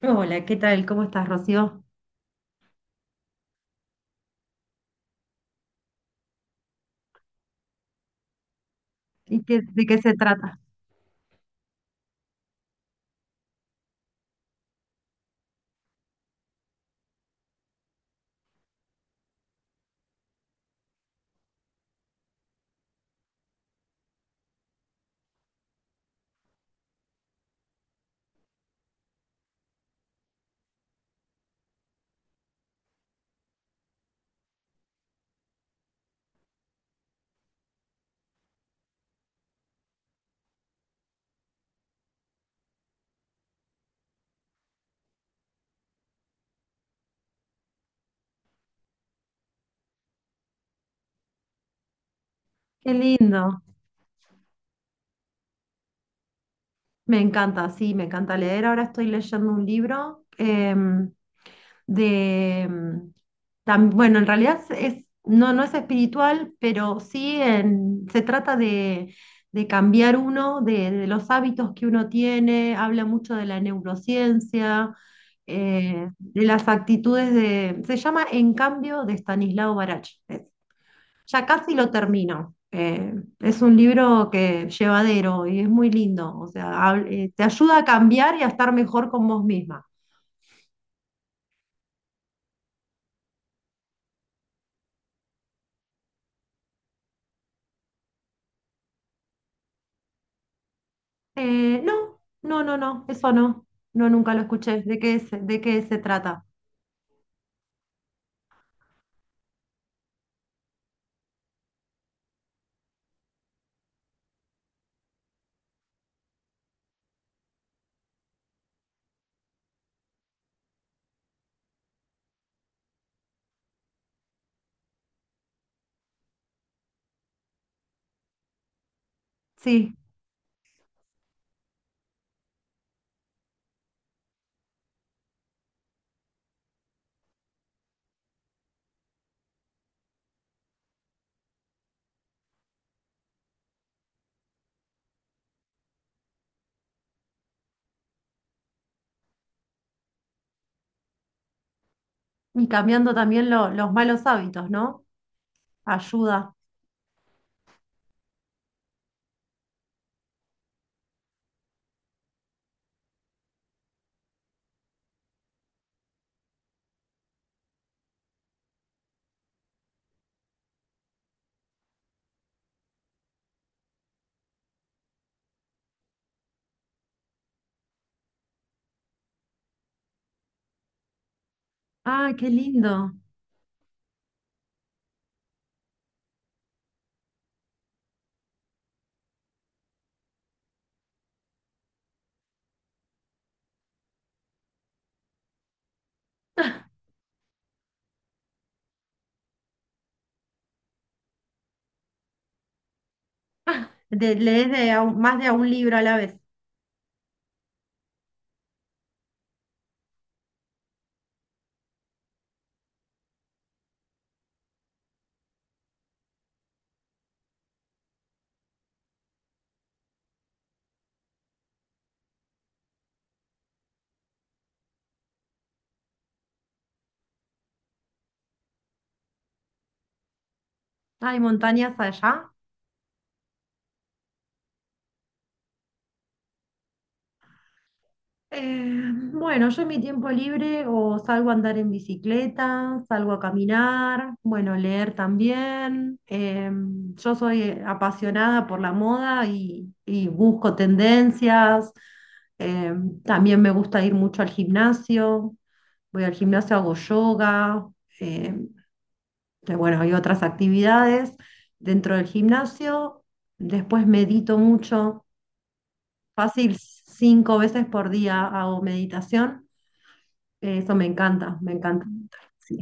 Hola, ¿qué tal? ¿Cómo estás, Rocío? De qué se trata? Qué lindo. Me encanta, sí, me encanta leer. Ahora estoy leyendo un libro de... bueno, en realidad no, no es espiritual, pero sí, se trata de cambiar uno, de los hábitos que uno tiene. Habla mucho de la neurociencia, de las actitudes de... Se llama En cambio de Stanislao Barach. Ya casi lo termino. Es un libro que llevadero y es muy lindo. O sea, te ayuda a cambiar y a estar mejor con vos misma. No, no, no, no, eso no. No, nunca lo escuché. De qué se trata? Sí. Y cambiando también los malos hábitos, ¿no? Ayuda. Ah, qué lindo. Lees más de a un libro a la vez. Ah, ¿hay montañas allá? Bueno, yo en mi tiempo libre o salgo a andar en bicicleta, salgo a caminar, bueno, leer también. Yo soy apasionada por la moda y busco tendencias. Eh, También me gusta ir mucho al gimnasio. Voy al gimnasio, hago yoga. eh, y bueno, hay otras actividades dentro del gimnasio. Después medito mucho, fácil, cinco veces por día hago meditación. Eso me encanta, me encanta. Sí.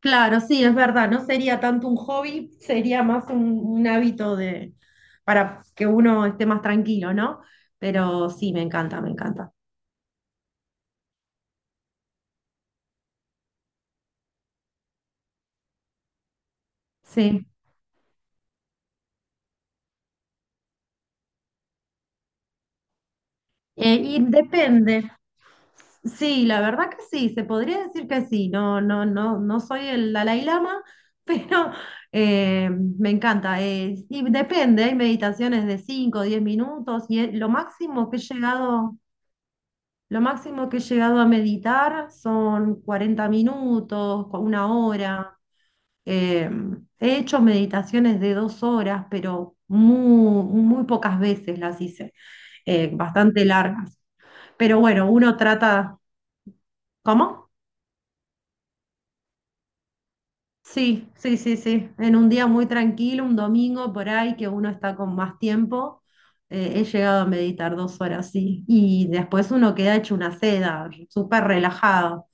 Claro, sí, es verdad, no sería tanto un hobby, sería más un hábito de, para que uno esté más tranquilo, ¿no? Pero sí, me encanta, me encanta. Sí. Y depende. Sí, la verdad que sí, se podría decir que sí. No, no, no, no soy el Dalai Lama, pero me encanta. Y depende, hay meditaciones de 5 o 10 minutos y lo máximo que he llegado. Lo máximo que he llegado a meditar son 40 minutos, una hora. Eh, He hecho meditaciones de 2 horas, pero muy, muy pocas veces las hice, bastante largas. Pero bueno, uno trata... ¿Cómo? Sí, sí, sí, sí. En un día muy tranquilo, un domingo por ahí, que uno está con más tiempo, he llegado a meditar 2 horas, sí. Y después uno queda hecho una seda, súper relajado.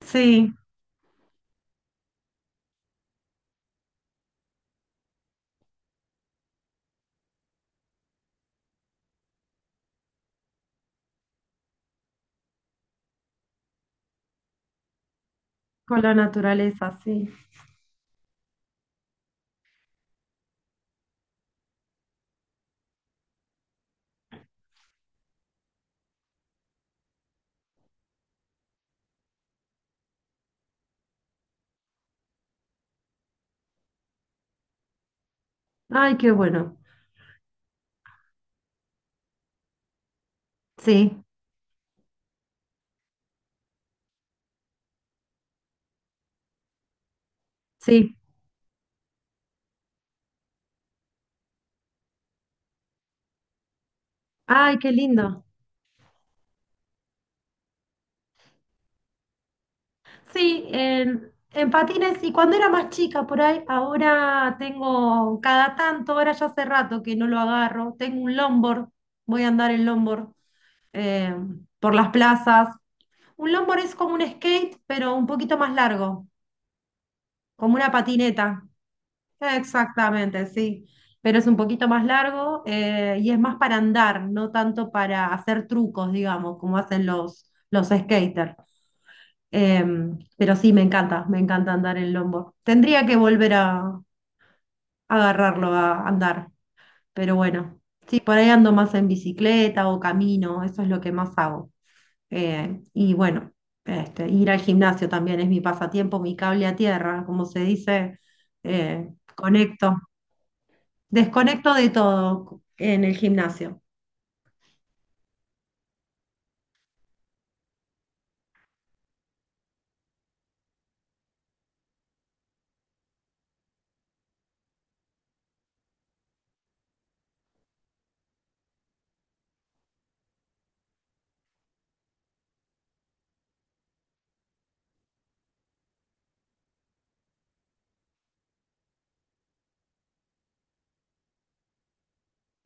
Sí. Con la naturaleza, sí. Ay, qué bueno. Sí, sí. Ay, qué lindo. Sí, en patines, y cuando era más chica por ahí, ahora tengo cada tanto, ahora ya hace rato que no lo agarro, tengo un longboard, voy a andar en longboard eh, por las plazas. Un longboard es como un skate, pero un poquito más largo. Como una patineta. Exactamente, sí. Pero es un poquito más largo, y es más para andar, no tanto para hacer trucos, digamos, como hacen los skaters. Pero sí, me encanta andar en lombo. Tendría que volver a, agarrarlo a andar. Pero bueno, sí, por ahí ando más en bicicleta o camino, eso es lo que más hago. Y bueno, este, ir al gimnasio también es mi pasatiempo, mi cable a tierra, como se dice, eh, conecto, desconecto de todo en el gimnasio.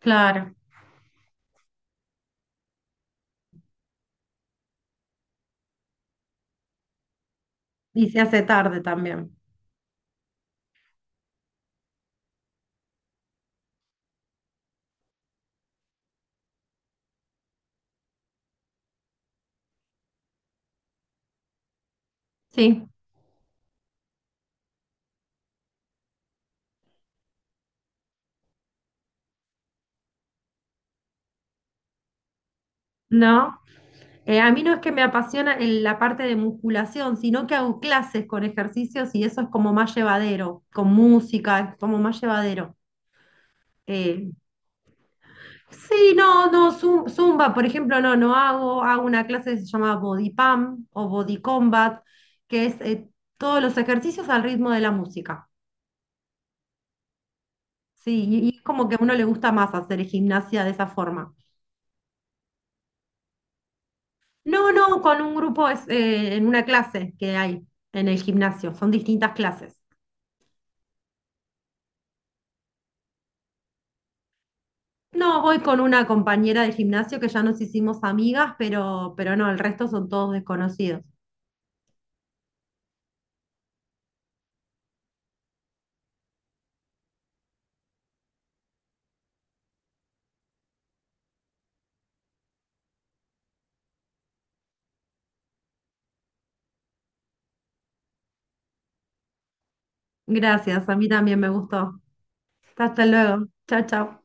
Claro, y se hace tarde también. Sí. No. A mí no es que me apasiona la parte de musculación, sino que hago clases con ejercicios y eso es como más llevadero, con música, es como más llevadero. Eh, sí, no, no, zumba, por ejemplo, no, no hago, hago una clase que se llama Body Pump o Body Combat, que es todos los ejercicios al ritmo de la música. Sí, y es como que a uno le gusta más hacer gimnasia de esa forma. No, no, con un grupo es, en una clase que hay en el gimnasio, son distintas clases. No, voy con una compañera de gimnasio que ya nos hicimos amigas, pero no, el resto son todos desconocidos. Gracias, a mí también me gustó. Hasta luego. Chao, chao.